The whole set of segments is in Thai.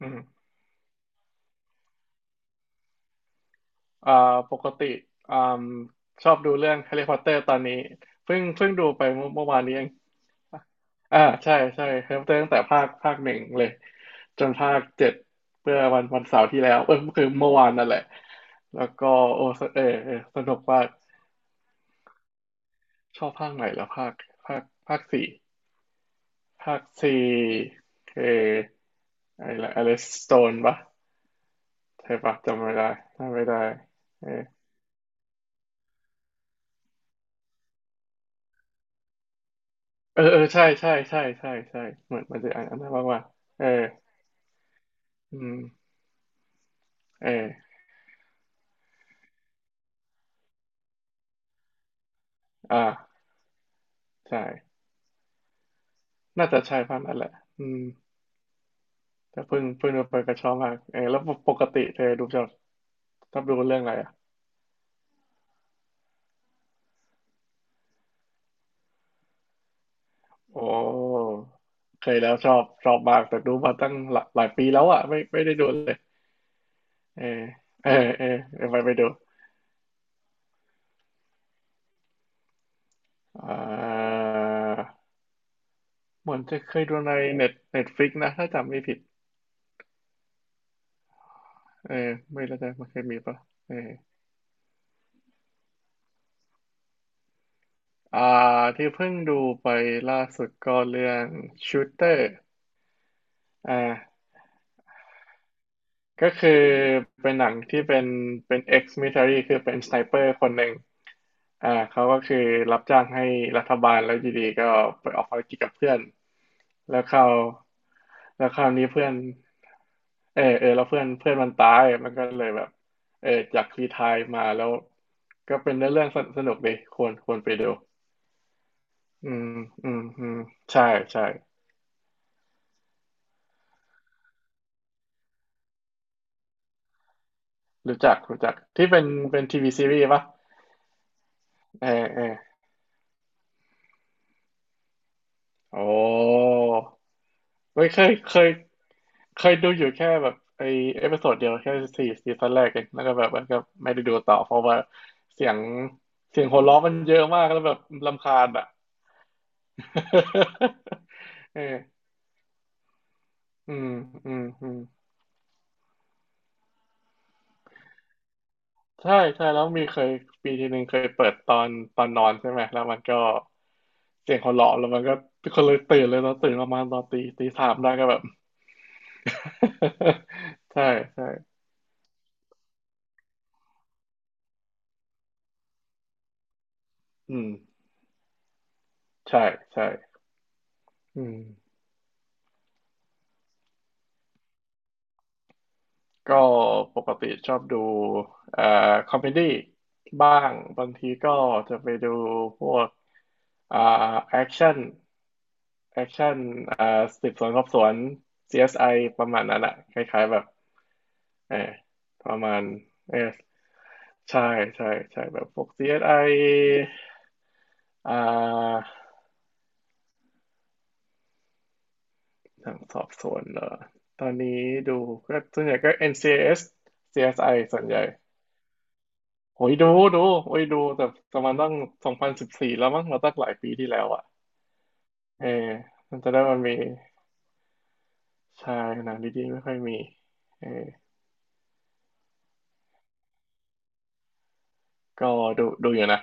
อืม อ่า ปกติ อ่ามชอบดูเรื่องแฮร์รี่พอตเตอร์ตอนนี้เพิ่งดูไปเมื่อวานนี้เองใช่แฮร์รี่พอตเตอร์ตั้งแต่ภาคหนึ่งเลยจนภาคเจ็ดเมื่อวันเสาร์ที่แล้วเออคือเมื่อวานนั่นแหละ แล้วก็โอ้เออสนุกมากชอบภาคไหนแล้วภาคภาคสี่ภาคสี่คืออะไรนะอลิสโตนปะใช่ปะจำไม่ได้จำไม่ได้เอ เออใช่เหมือนมันจะอ่านอันนั้นว่าเอออืมเอออ่าใช่น่าจะใช่พันนั่นแหละอืมแต่เพิ่งมาเปิดกระชอบมากเออแล้วปกติเธอดูชอบดูเรื่องอะไรอ่ะโอ้เคยแล้วชอบมากแต่ดูมาตั้งหลายปีแล้วอ่ะไม่ได้ดูเลยเออเออเออเดี๋ยวไปดูอ่าเหมือนจะเคยดูในเน็ตฟลิกนะถ้าจำไม่ผิดเออไม่แน่ใจมันเคยมีปะเออ อ่าที่เพิ่งดูไปล่าสุดก็เรื่อง Shooter อ่าก็คือเป็นหนังที่เป็น ex military คือเป็นสไนเปอร์คนหนึ่งเขาก็คือรับจ้างให้รัฐบาลแล้วอยู่ดีก็ไปออกภารกิจกับเพื่อนแล้วเขาแล้วคราวนี้เพื่อนเออแล้วเพื่อนเพื่อนมันตายมันก็เลยแบบเออจากรีไทร์มาแล้วก็เป็นเรื่องสนุกดีควรไปดูอืมอืมใช่ใช่ รู้จักที่เป็นทีวีซีรีส์ปะเออเออโอ้ไม่เคยเคยดูอยู่แค่แบบไอเอพิโซดเดียวแค่สี่ซีซั่นแรกเองแล้วก็แบบมันก็ไม่ได้ดูต่อเพราะว่าเสียงเสียงหัวเราะมันเยอะมากแล้วแบบรำคาญอ่ะ เอออืมอืมใช่แล้วมีเคยปีทีหนึ่งเคยเปิดตอนนอนใช่ไหมแล้วมันก็เสียงหัวเราะแล้วมันก็คนเลยตื่นเลยเราตื่นประมาณตอนตีสามได้ก็แบบ ใช่ใช่อืมใช่ใช่อืมก็ปกติชอบดูเอ่อคอมเมดี้บ้างบางทีก็จะไปดูพวก อ่าแอคชั่นแอคชั่น อ่าสืบสวนสอบสวน CSI ประมาณนั้นอะคล้ายๆแบบเออประมาณเออใช่ใช่ใช่แบบพวก CSI อสไออ่าทางสอบสวนเหรอตอนนี้ดูก็ส่วนใหญ่ก็ NCIS CSI สซีเอสไอส่วนใหญ่ โอ้ยดูโอ้ยดูแต่ประมาณตั้งสองพันสิบสี่แล้วมั้งเราตั้งหลายปีที่แล้วอ่ะเออมันจะได้มันมีใชายหนังดีๆไม่ค่อยมีเออก็ดูอยู่นะ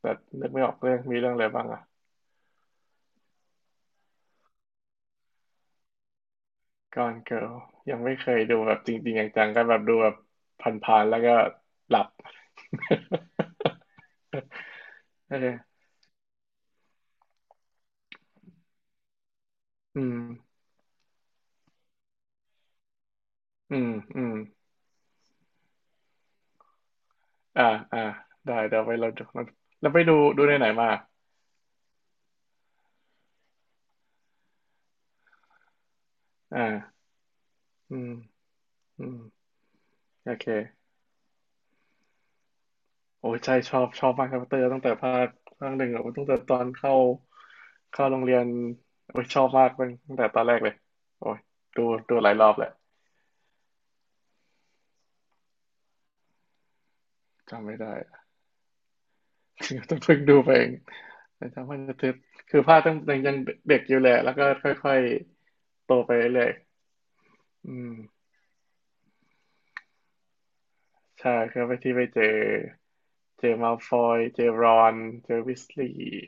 แต่นึกไม่ออกเรื่องมีเรื่องอะไรบ้างอ่ะก่อนเกิลยังไม่เคยดูแบบจริงๆจังๆก็แบบดูแบบผ่านๆแล้วก็หลับ เอออืมอืมอืมอ่าอ่าได้เดี๋ยวไปเราดูแล้วไปดูในไหนมาอ่าอืมอืมโอเค โอ้ยใช่ชอบมากครับเตอร์ตั้งแต่ภาคหนึ่งอะโอ้ยตั้งแต่ตอนเข้าโรงเรียนโอ้ยชอบมากตั้งตแต่ตอนแรกเลยโอ้ยดูดูหลายรอบแหละจำไม่ได้ ต้องเพิ่งดูไปเองแต่จำว่าจะติดคือภาคตั้งยต่ยังเด็กอยู่แหละแล้วก็ค่อยๆโตไปเรื่อยๆอืมใช่ครับไปที่ไปเจอเจอมัลฟอยเจอรอนเจอวิสลีย์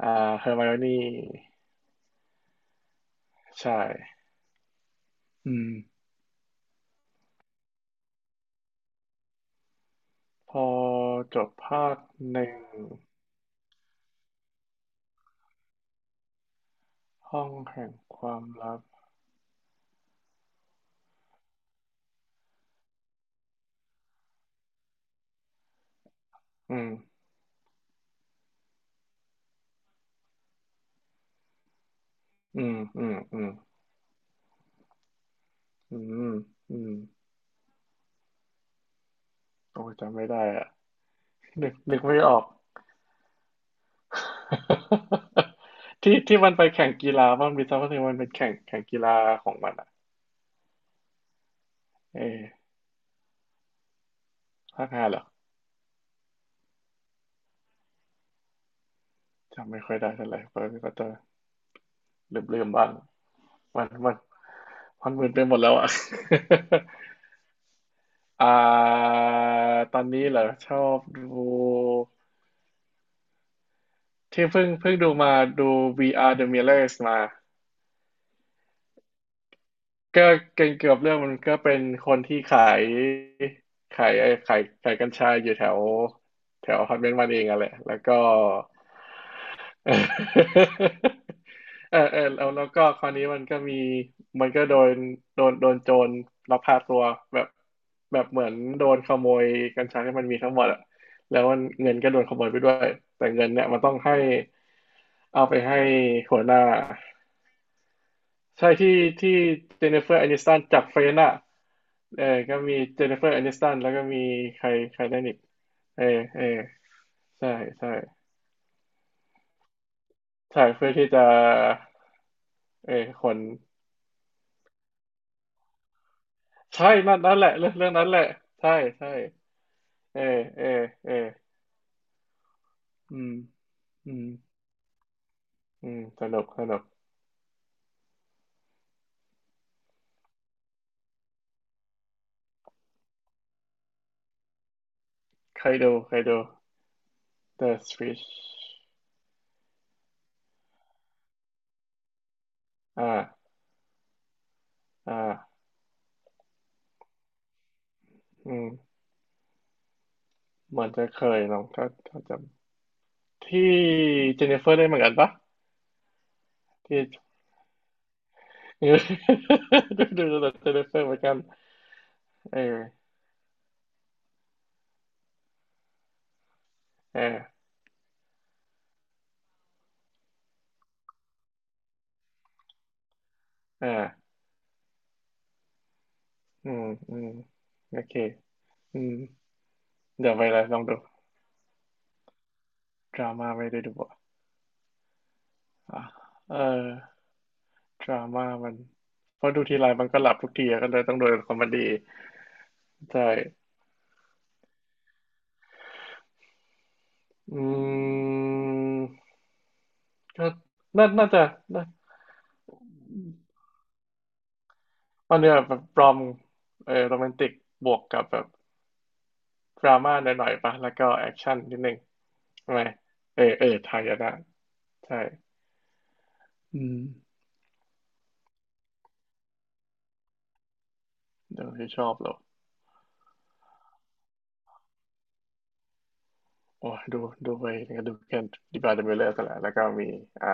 อ่าเฮอร์ไมโอนี่ใช่อืมพอจบภาคหนึ่ง ห้องแห่งความลับอืมอืมอืมอืมอืมอืมโอ้ยจำไม่ได้อะนึกไม่ออก ที่มันไปแข่งกีฬามันมีซัมเมอร์เทนงมันเป็นแข่งกีฬาของมันอ่ะเออภาคห้าเหรอจำไม่ค่อยได้เท่าไหร่เพราะก็จะลืมบ้างมันมันมันมึนไปหมดแล้วอ่ะ อ่า ตอนนี้เหรอชอบดูที่เพิ่งดูมาดู VR The Millers มา ก็เก่งเกือบเรื่องมันก็เป็นคนที่ขายขายไอ้ขายกัญชาอยู่แถวแถวอพาร์ตเมนต์มันเองอะแหละแล้วก็ เออแล้วก็คราวนี้มันก็มีมันก็โดนโจรลักพาตัวแบบแบบเหมือนโดนขโมยกัญชาที่มันมีทั้งหมดอะแล้วมันเงินก็โดนขโมยไปด้วยแต่เงินเนี่ยมันต้องให้เอาไปให้หัวหน้าใช่ที่เจเนฟเฟอร์แอนิสตันจับเฟรนอะ เออก็มีเจนนิเฟอร์แอนิสตันแล้วก็มีใครใครได้อีกเออเออใช่ใช่ใช่เพื่อที่จะเออคนใช่นั่นแหละเรื่องนั้นแหละใช่ใช่เออเออเอออืมอืมอืมสนุกใครดู The Switch อ่าอ่าอืมเหมือนจะเคยลองถ้าจำที่เจนนิเฟอร์ได้เหมือนกันปะที่ ดูดูดูเจนนิเฟอร์เหมือนกันเออเออเออ อืมอืมโอเคอืมเดี๋ยวไปเลยลองดูดราม่าไม่ได้ดูอ่ะอ่ะเออดราม่ามันเพราะดูทีไรมันก็หลับทุกทีอะก็เลยต้องดูคอมเมดี้ใช่อืมก็น่าน่าจะน่าตอนเนี้ยแบบรอมเออโรแมนติกบวกกับแบบดราม่าหน่อยๆปะแล้วก็แอคชั่นนิดนึงทำไมเออเออไทยอะนะใช่อืมเดี๋ยวที่ชอบเหรอ โอ้ยดูดูไปก็ดูแคนดิบาเดมิเลอร์กันแหละแล้วก็มีอ่า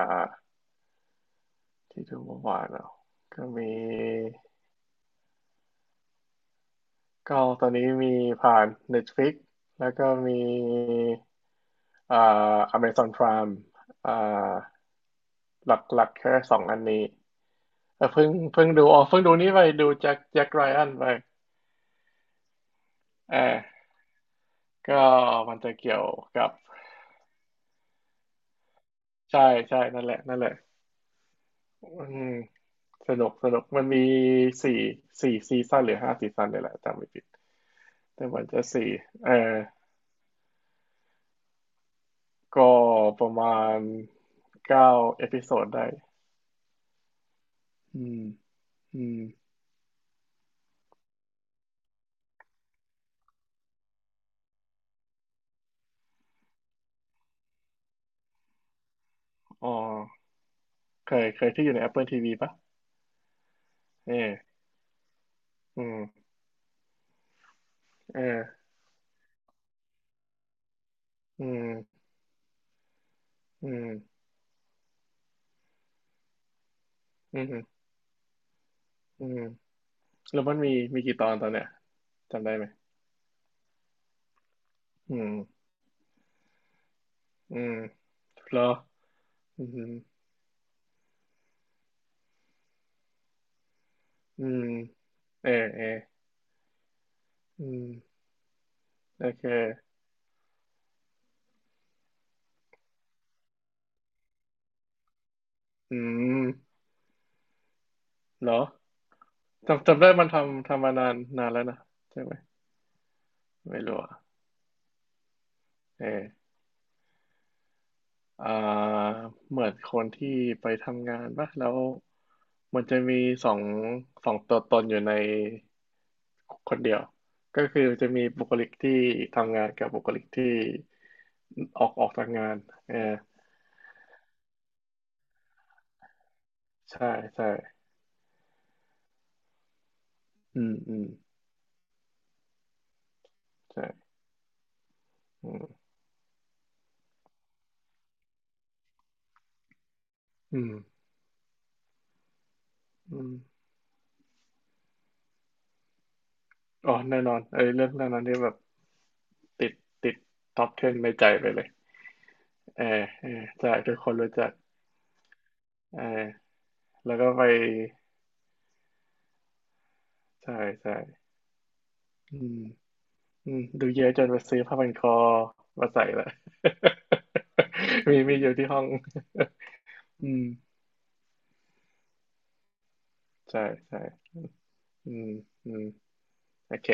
ที่ดูเมื่อวานเนาะก็มีก็ตอนนี้มีผ่าน Netflix แล้วก็มีอ่า Amazon Prime อ่าหลักหลักแค่สองอันนี้เออเพิ่งเพิ่งดูอ๋อเพิ่งดูนี่ไปดูแจ็คแจ็คไรอันไปเออก็มันจะเกี่ยวกับใช่ใช่นั่นแหละนั่นแหละอืมสนุกสนุกมันมีสี่สี่ซีซั่นหรือห้าซีซั่นเนี่ยแหละจำไม่ผิด แต่กว่าจะสี่เออก็ประมาณเก้าเอพิโซดได้อืมอืมอ๋อเคยเคยที่อยู่ใน Apple ทีวีปะเอออืมเอออืมอืมอืมอืมแล้วมันมีมีกี่ตอนตอนเนี้ยจำได้ไหมอืมอืมเหรออืมอืมเออเอออืมโอเคอืมเหรอจำจำได้มันทำทำมานานนานแล้วนะใช่ไหมไม่รู้อ่ะเออ อ่าเหมือนคนที่ไปทำงานปะแล้วมันจะมีสองสองตัวตนอยู่ในคนเดียวก็คือจะมีบุคลิกที่ทำงานกับบุคลิกที่ออกออกจากงานเออใช่ใช่อืมอืมใช่อืมอืมอืมอ๋อแน่นอนเอ้ยเรื่องเรื่องนั้นนี่แบบติดติดท็อป10ในใจไปเลยเออเออใช่ทุกคนรู้จักเออแล้วก็ไปใช่ใช่อืม อืมดูเยอะจนไปซื้อผ้าพันคอมาใส่ละ มีมีอยู่ที่ห้อง อืมใช่ใช่อืมอืมโอเค